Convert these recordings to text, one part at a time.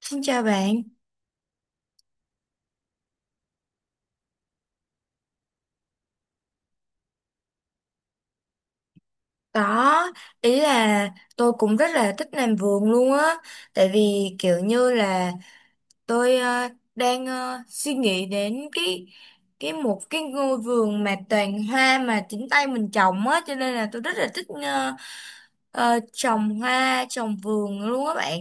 Xin chào bạn. Đó, ý là tôi cũng rất là thích làm vườn luôn á, tại vì kiểu như là tôi đang suy nghĩ đến cái một cái ngôi vườn mà toàn hoa mà chính tay mình trồng á, cho nên là tôi rất là thích trồng hoa, trồng vườn luôn á bạn.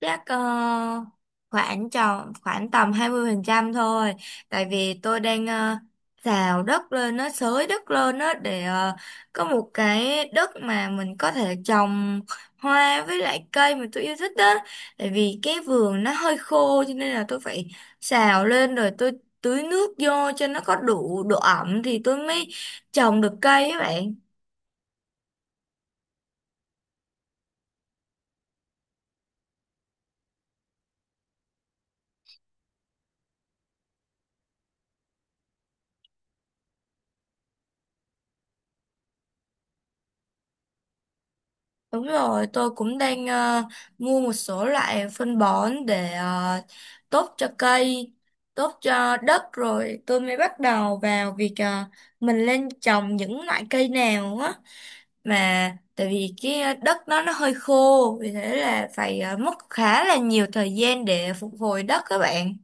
Chắc khoảng tròn khoảng tầm 20% thôi, tại vì tôi đang xào đất lên, nó xới đất lên đó để có một cái đất mà mình có thể trồng hoa với lại cây mà tôi yêu thích đó. Tại vì cái vườn nó hơi khô cho nên là tôi phải xào lên rồi tôi tưới nước vô cho nó có đủ độ ẩm thì tôi mới trồng được cây các bạn. Đúng rồi, tôi cũng đang mua một số loại phân bón để tốt cho cây, tốt cho đất, rồi tôi mới bắt đầu vào việc mình lên trồng những loại cây nào á. Mà tại vì cái đất nó hơi khô, vì thế là phải mất khá là nhiều thời gian để phục hồi đất các bạn.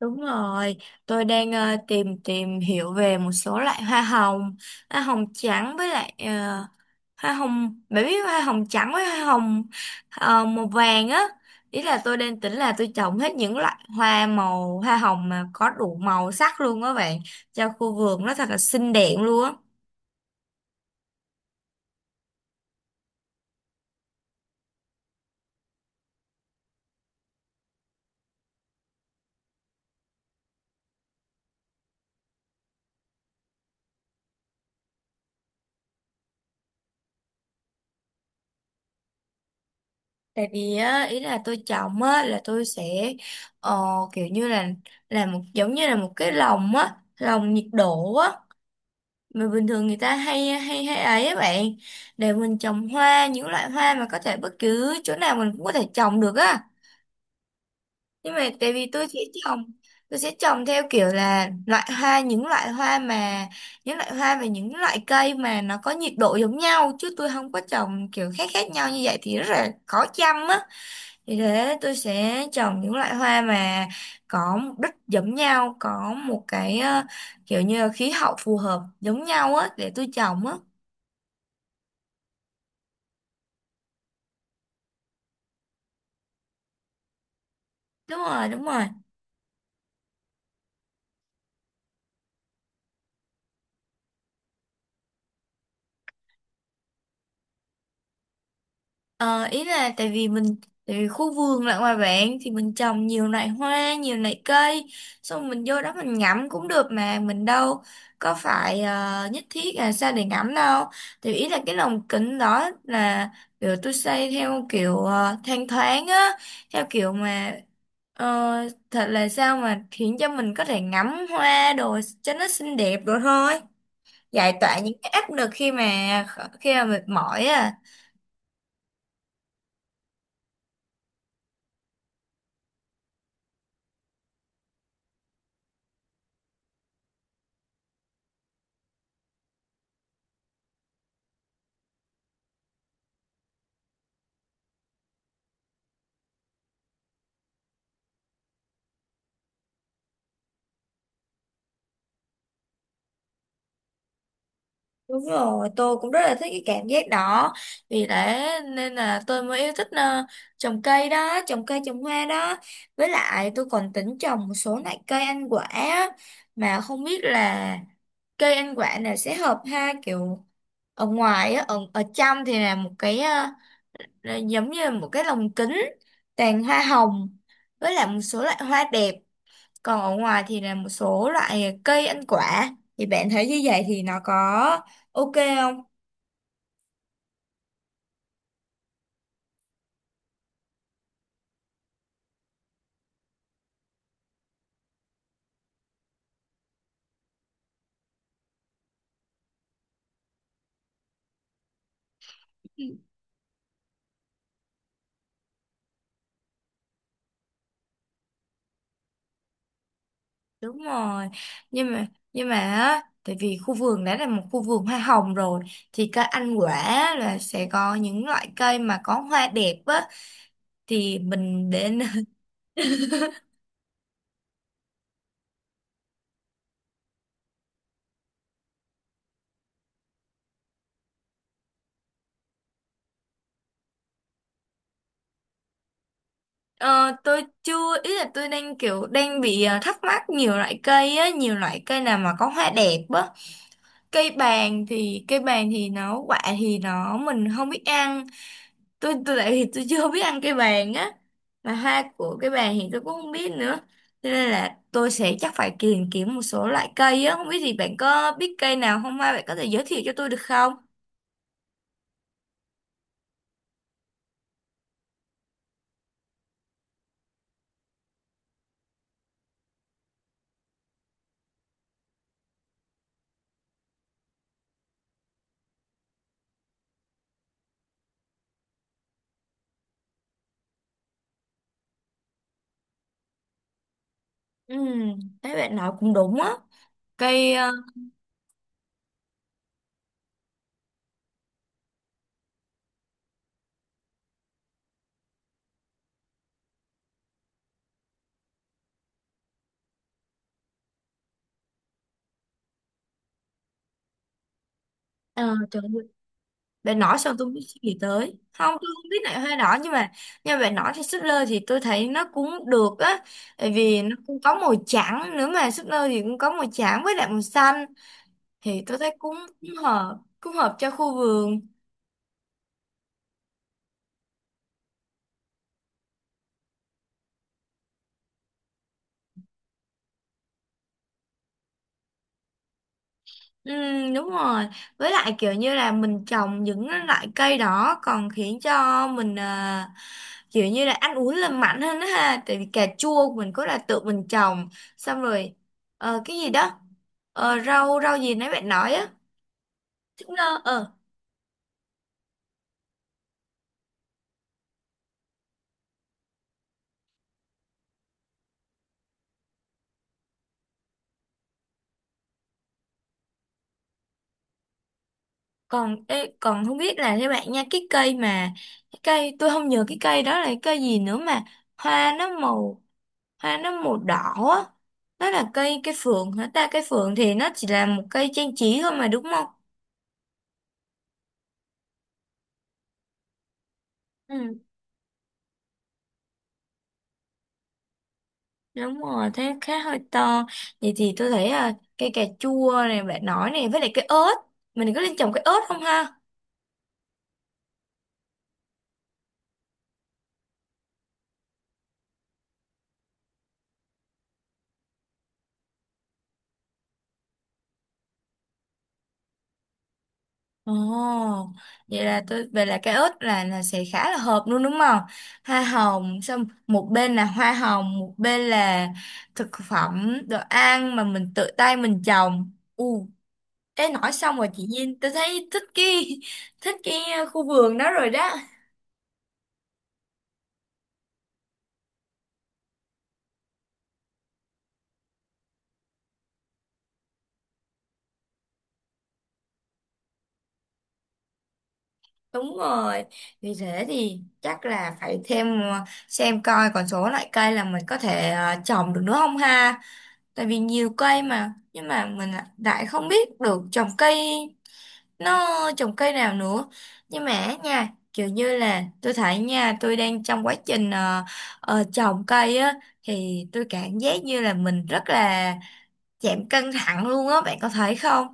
Đúng rồi, tôi đang tìm tìm hiểu về một số loại hoa hồng trắng với lại hoa hồng, bạn biết hoa hồng trắng với hoa hồng màu vàng á. Ý là tôi đang tính là tôi trồng hết những loại hoa màu hoa hồng mà có đủ màu sắc luôn á bạn, cho khu vườn nó thật là xinh đẹp luôn á. Tại vì á, ý là tôi trồng á, là tôi sẽ ờ, kiểu như là một giống như là một cái lồng á, lồng nhiệt độ á, mà bình thường người ta hay hay hay ấy á bạn, để mình trồng hoa, những loại hoa mà có thể bất cứ chỗ nào mình cũng có thể trồng được á. Nhưng mà tại vì trồng tôi sẽ trồng theo kiểu là loại hoa những loại hoa mà những loại hoa và những loại cây mà nó có nhiệt độ giống nhau, chứ tôi không có trồng kiểu khác khác nhau, như vậy thì rất là khó chăm á. Vì thế tôi sẽ trồng những loại hoa mà có mục đích giống nhau, có một cái kiểu như là khí hậu phù hợp giống nhau á để tôi trồng á. Đúng rồi, đúng rồi. Ờ, Ý là tại vì mình, tại vì khu vườn lại ngoài bạn thì mình trồng nhiều loại hoa, nhiều loại cây, xong mình vô đó mình ngắm cũng được, mà mình đâu có phải nhất thiết là sao để ngắm đâu. Thì ý là cái lồng kính đó là kiểu tôi xây theo kiểu thanh thoáng á, theo kiểu mà ờ, thật là sao mà khiến cho mình có thể ngắm hoa đồ cho nó xinh đẹp đồ thôi, giải tỏa những cái áp lực khi mà mệt mỏi á. Đúng rồi, tôi cũng rất là thích cái cảm giác đó. Vì thế nên là tôi mới yêu thích trồng cây đó, trồng cây trồng hoa đó. Với lại tôi còn tính trồng một số loại cây ăn quả á. Mà không biết là cây ăn quả này sẽ hợp ha, kiểu ở ngoài á, ở trong thì là một cái là giống như là một cái lồng kính toàn hoa hồng. Với lại một số loại hoa đẹp. Còn ở ngoài thì là một số loại cây ăn quả. Thì bạn thấy như vậy thì nó có ok không? Đúng rồi. Nhưng mà nhưng mà á, tại vì khu vườn đã là một khu vườn hoa hồng rồi thì cây ăn quả là sẽ có những loại cây mà có hoa đẹp á, thì mình để n- ờ, tôi chưa, ý là tôi đang kiểu đang bị thắc mắc nhiều loại cây á, nhiều loại cây nào mà có hoa đẹp á. Cây bàng thì nó quả thì nó mình không biết ăn. Tôi tại vì tôi chưa biết ăn cây bàn á, mà hoa của cây bàn thì tôi cũng không biết nữa, cho nên là tôi sẽ chắc phải tìm kiếm một số loại cây á. Không biết thì bạn có biết cây nào không, mai bạn có thể giới thiệu cho tôi được không? Ừ, thấy bạn nói cũng đúng á. cây ờ, ờ, Trời ơi, bạn nói xong tôi không biết suy nghĩ tới không, tôi không biết lại hoa đỏ, nhưng mà bạn nói thì súp lơ thì tôi thấy nó cũng được á, tại vì nó cũng có màu trắng nữa. Mà súp lơ thì cũng có màu trắng với lại màu xanh, thì tôi thấy cũng cũng hợp cho khu vườn. Ừ, đúng rồi. Với lại kiểu như là mình trồng những loại cây đó còn khiến cho mình à, kiểu như là ăn uống lành mạnh hơn đó ha, tại vì cà chua của mình có là tự mình trồng, xong rồi cái gì đó, rau rau gì nãy bạn nói á. Thích nơ còn ê, còn không biết là theo bạn nha, cái cây mà cái cây tôi không nhớ cái cây đó là cái cây gì nữa, mà hoa nó màu, hoa nó màu đỏ á. Nó là cây cây phượng hả ta? Cây phượng thì nó chỉ là một cây trang trí thôi mà đúng không? Ừ. Đúng rồi thế khá hơi to. Vậy thì tôi thấy là cây cà chua này bạn nói này, với lại cây ớt, mình có nên trồng cây ớt không ha? Ồ, vậy là tôi về là cái ớt là sẽ khá là hợp luôn đúng không? Hoa hồng, xong một bên là hoa hồng, một bên là thực phẩm đồ ăn mà mình tự tay mình trồng. Ừ, ê nói xong rồi chị Nhiên, tôi thấy thích cái thích cái khu vườn đó rồi đó. Đúng rồi, vì thế thì chắc là phải thêm xem coi còn số loại cây là mình có thể trồng được nữa không ha. Tại vì nhiều cây mà nhưng mà mình lại lại không biết được trồng cây, nó trồng cây nào nữa. Nhưng mà nha, kiểu như là tôi thấy nha, tôi đang trong quá trình trồng cây á, thì tôi cảm giác như là mình rất là giảm căng thẳng luôn á, bạn có thấy không?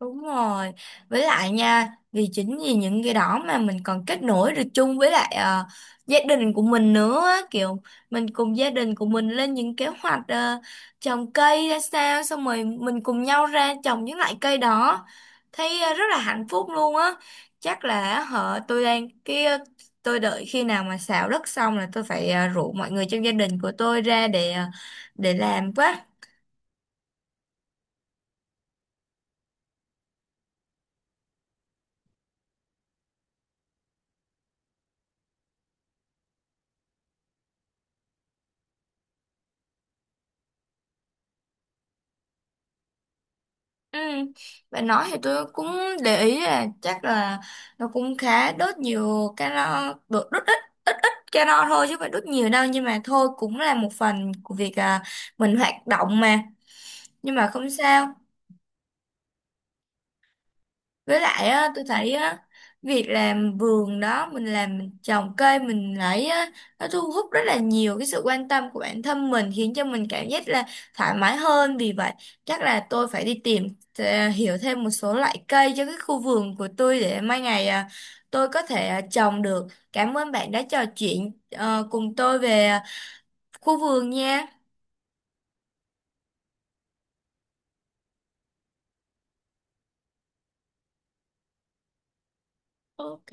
Đúng rồi, với lại nha, vì chính vì những cái đó mà mình còn kết nối được chung với lại gia đình của mình nữa á. Kiểu mình cùng gia đình của mình lên những kế hoạch trồng cây ra sao, xong rồi mình cùng nhau ra trồng những loại cây đó, thấy rất là hạnh phúc luôn á. Chắc là họ tôi đang cái tôi đợi khi nào mà xào đất xong là tôi phải rủ mọi người trong gia đình của tôi ra để để làm quá. Ừ. Bạn nói thì tôi cũng để ý là chắc là nó cũng khá đốt nhiều calo, đốt, đốt ít calo thôi chứ phải đốt nhiều đâu, nhưng mà thôi cũng là một phần của việc à, mình hoạt động mà, nhưng mà không sao. Với lại á, tôi thấy á, việc làm vườn đó mình làm, mình trồng cây mình lấy á, nó thu hút rất là nhiều cái sự quan tâm của bản thân mình, khiến cho mình cảm giác là thoải mái hơn. Vì vậy chắc là tôi phải đi tìm hiểu thêm một số loại cây cho cái khu vườn của tôi để mai ngày à, tôi có thể à, trồng được. Cảm ơn bạn đã trò chuyện cùng tôi về à, khu vườn nha. Ok.